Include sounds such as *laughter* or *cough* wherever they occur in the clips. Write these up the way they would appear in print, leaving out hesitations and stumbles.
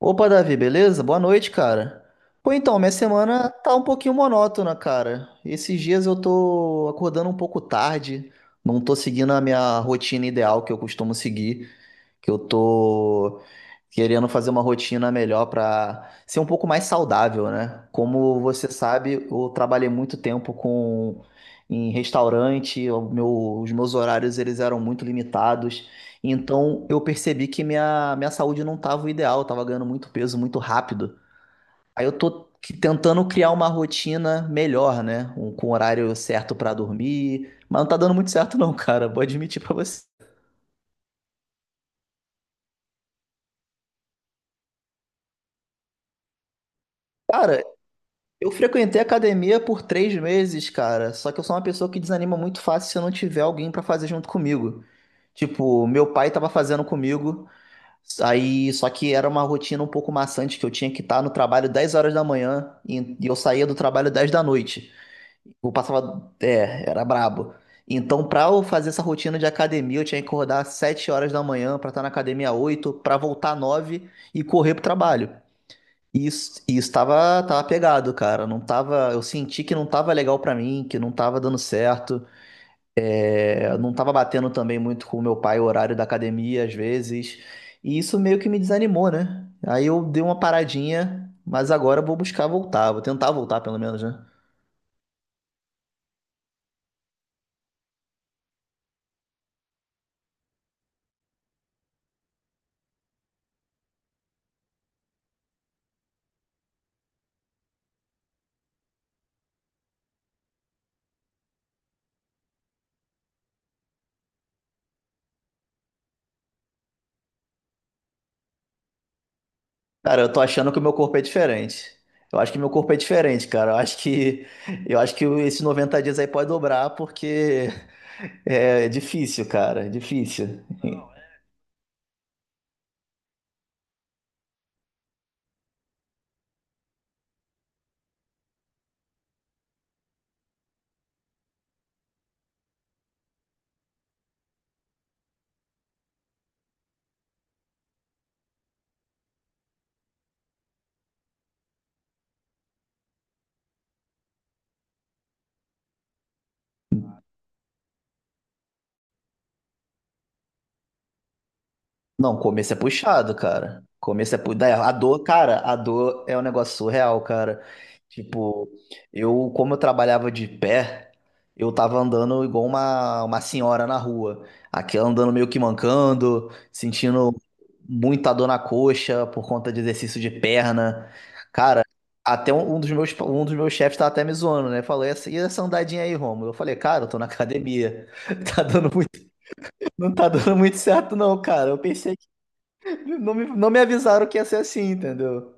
Opa, Davi, beleza? Boa noite, cara. Pô, então, minha semana tá um pouquinho monótona, cara. Esses dias eu tô acordando um pouco tarde, não tô seguindo a minha rotina ideal que eu costumo seguir, que eu tô querendo fazer uma rotina melhor para ser um pouco mais saudável, né? Como você sabe, eu trabalhei muito tempo com em restaurante, os meus horários eles eram muito limitados. Então eu percebi que minha saúde não estava o ideal, eu estava ganhando muito peso muito rápido. Aí eu tô tentando criar uma rotina melhor, né? Com horário certo para dormir, mas não tá dando muito certo não, *laughs* Cara. Vou admitir para você. Cara, eu frequentei academia por três meses, cara. Só que eu sou uma pessoa que desanima muito fácil se eu não tiver alguém pra fazer junto comigo. Tipo, meu pai tava fazendo comigo, aí só que era uma rotina um pouco maçante, que eu tinha que estar no trabalho 10 horas da manhã e eu saía do trabalho 10 da noite. Eu passava, é, era brabo. Então, pra eu fazer essa rotina de academia, eu tinha que acordar às 7 horas da manhã pra estar na academia às 8, pra voltar às 9 e correr pro trabalho. E isso tava pegado, cara. Não tava, eu senti que não tava legal pra mim, que não tava dando certo. É, não tava batendo também muito com o meu pai o horário da academia às vezes. E isso meio que me desanimou, né? Aí eu dei uma paradinha, mas agora eu vou buscar voltar, vou tentar voltar pelo menos, né? Cara, eu tô achando que o meu corpo é diferente. Eu acho que meu corpo é diferente, cara. Eu acho que esses 90 dias aí pode dobrar porque é difícil, cara, é difícil. Não, começo é puxado, cara. Começo é puxado. A dor, cara, a dor é um negócio surreal, cara. Tipo, eu, como eu trabalhava de pé, eu tava andando igual uma senhora na rua. Aqui andando meio que mancando, sentindo muita dor na coxa por conta de exercício de perna. Cara, até um dos meus chefes tava até me zoando, né? Falou, e essa andadinha aí, Romulo? Eu falei, cara, eu tô na academia. *laughs* Tá dando muito, não tá dando muito certo, não, cara. Eu percebi. Não me avisaram que ia ser assim, entendeu?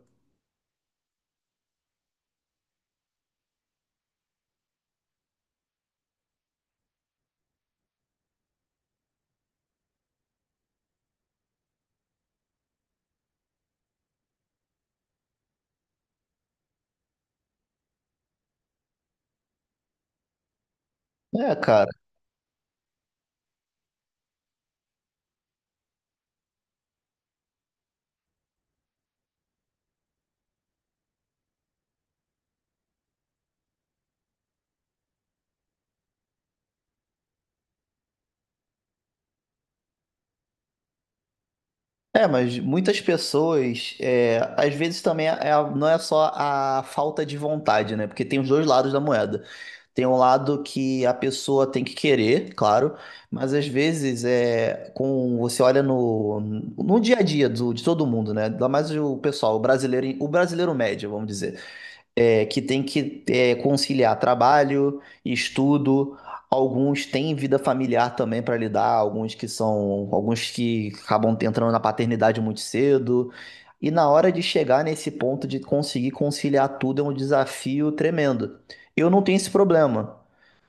É, cara. É, mas muitas pessoas, é, às vezes também não é só a falta de vontade, né? Porque tem os dois lados da moeda. Tem um lado que a pessoa tem que querer, claro, mas às vezes é com você olha no dia a dia de todo mundo, né? Ainda mais o pessoal, o brasileiro médio, vamos dizer. É, que tem que é, conciliar trabalho, estudo. Alguns têm vida familiar também para lidar, alguns que acabam entrando na paternidade muito cedo. E na hora de chegar nesse ponto de conseguir conciliar tudo é um desafio tremendo. Eu não tenho esse problema.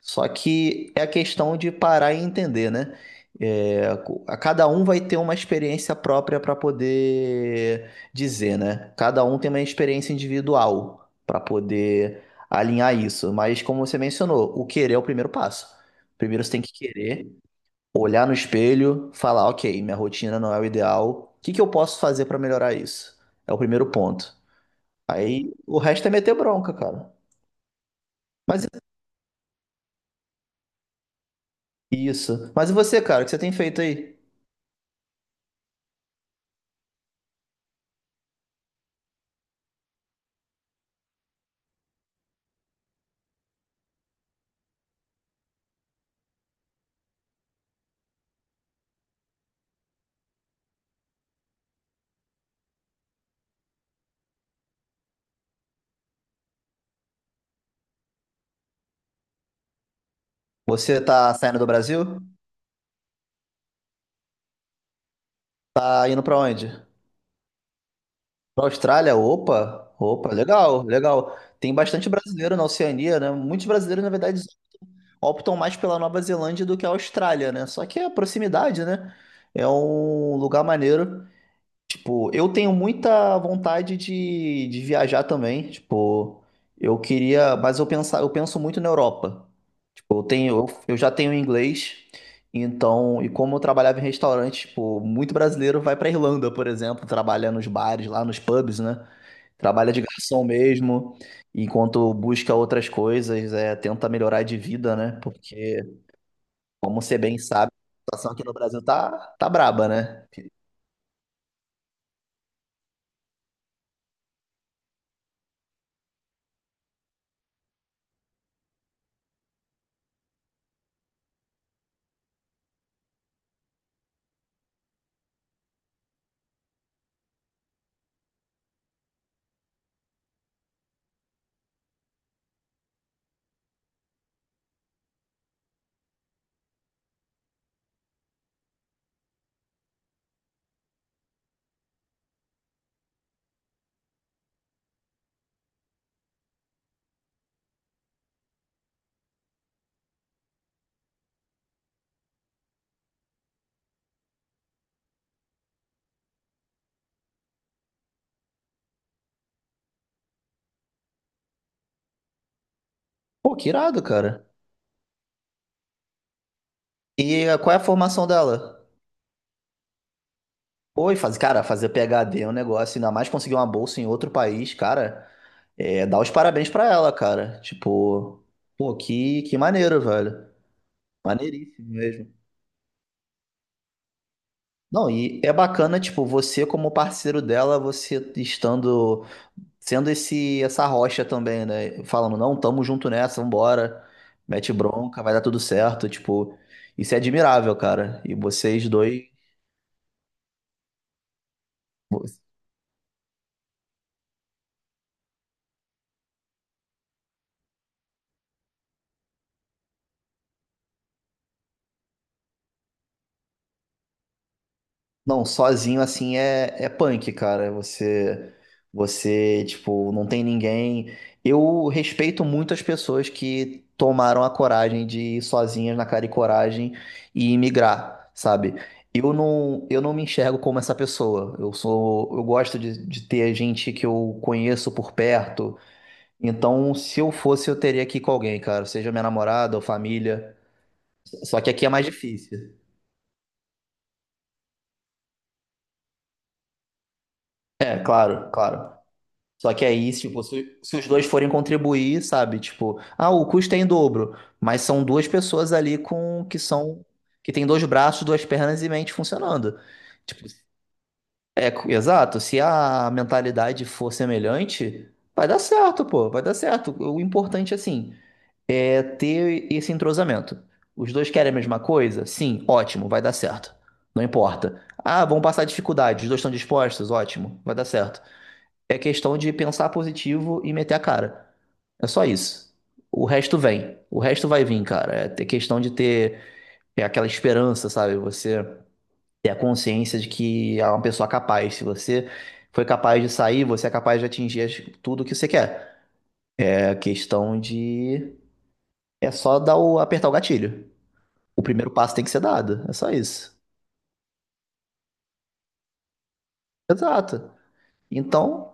Só que é a questão de parar e entender, né? É, a cada um vai ter uma experiência própria para poder dizer, né? Cada um tem uma experiência individual para poder alinhar isso. Mas como você mencionou, o querer é o primeiro passo. Primeiro você tem que querer, olhar no espelho, falar, ok, minha rotina não é o ideal, o que que eu posso fazer para melhorar isso? É o primeiro ponto. Aí o resto é meter bronca, cara. Mas isso. Mas e você, cara, o que você tem feito aí? Você tá saindo do Brasil? Tá indo pra onde? Pra Austrália? Opa, opa, legal, legal. Tem bastante brasileiro na Oceania, né? Muitos brasileiros, na verdade, optam mais pela Nova Zelândia do que a Austrália, né? Só que é a proximidade, né? É um lugar maneiro. Tipo, eu tenho muita vontade de viajar também. Tipo, eu queria, mas eu penso muito na Europa. Tipo, eu já tenho inglês. Então, e como eu trabalhava em restaurante, tipo, muito brasileiro vai pra Irlanda, por exemplo, trabalha nos bares, lá nos pubs, né? Trabalha de garçom mesmo, enquanto busca outras coisas, é, tenta melhorar de vida, né? Porque como você bem sabe, a situação aqui no Brasil tá braba, né? Pô, que irado, cara. E qual é a formação dela? Oi, cara, fazer PhD é um negócio, ainda mais conseguir uma bolsa em outro país, cara. É, dá os parabéns pra ela, cara. Tipo, pô, que maneiro, velho. Maneiríssimo mesmo. Não, e é bacana, tipo, você como parceiro dela, você estando sendo esse essa rocha também, né? Falando, não, tamo junto nessa, vambora, mete bronca, vai dar tudo certo, tipo, isso é admirável, cara. E vocês dois. Não, sozinho assim é punk, cara. Você, tipo, não tem ninguém. Eu respeito muito as pessoas que tomaram a coragem de ir sozinhas na cara e coragem e migrar, sabe? Eu não me enxergo como essa pessoa. Eu gosto de ter gente que eu conheço por perto. Então, se eu fosse, eu teria que ir com alguém, cara, seja minha namorada ou família. Só que aqui é mais difícil. É, claro, claro. Só que aí, tipo, se os dois forem contribuir, sabe? Tipo, ah, o custo é em dobro, mas são duas pessoas ali com que são que tem dois braços, duas pernas e mente funcionando. Tipo, é exato, se a mentalidade for semelhante, vai dar certo, pô, vai dar certo. O importante assim é ter esse entrosamento. Os dois querem a mesma coisa? Sim, ótimo, vai dar certo. Não importa. Ah, vão passar dificuldade, os dois estão dispostos? Ótimo, vai dar certo. É questão de pensar positivo e meter a cara. É só isso. O resto vem. O resto vai vir, cara. É ter questão de ter aquela esperança, sabe? Você ter a consciência de que é uma pessoa capaz. Se você foi capaz de sair, você é capaz de atingir tudo que você quer. É questão de. É só apertar o gatilho. O primeiro passo tem que ser dado. É só isso. Exato. Então.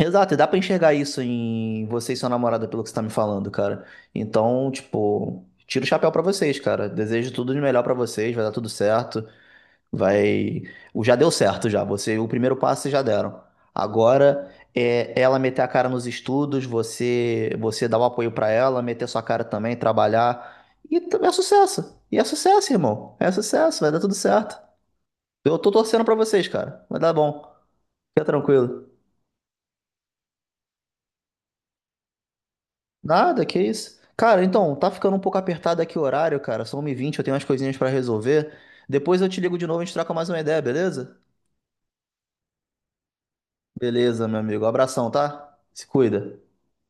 Exato, e dá pra enxergar isso em você e sua namorada, pelo que você tá me falando, cara. Então, tipo, tiro o chapéu pra vocês, cara. Desejo tudo de melhor pra vocês, vai dar tudo certo. Vai. O Já deu certo já. O primeiro passo vocês já deram. Agora é ela meter a cara nos estudos, você dar o apoio pra ela, meter sua cara também, trabalhar. E é sucesso. E é sucesso, irmão. É sucesso, vai dar tudo certo. Eu tô torcendo pra vocês, cara. Vai dar bom. Fica tranquilo. Nada, que isso. Cara, então, tá ficando um pouco apertado aqui o horário, cara. São 1h20, eu tenho umas coisinhas pra resolver. Depois eu te ligo de novo, a gente troca mais uma ideia, beleza? Beleza, meu amigo. Abração, tá? Se cuida.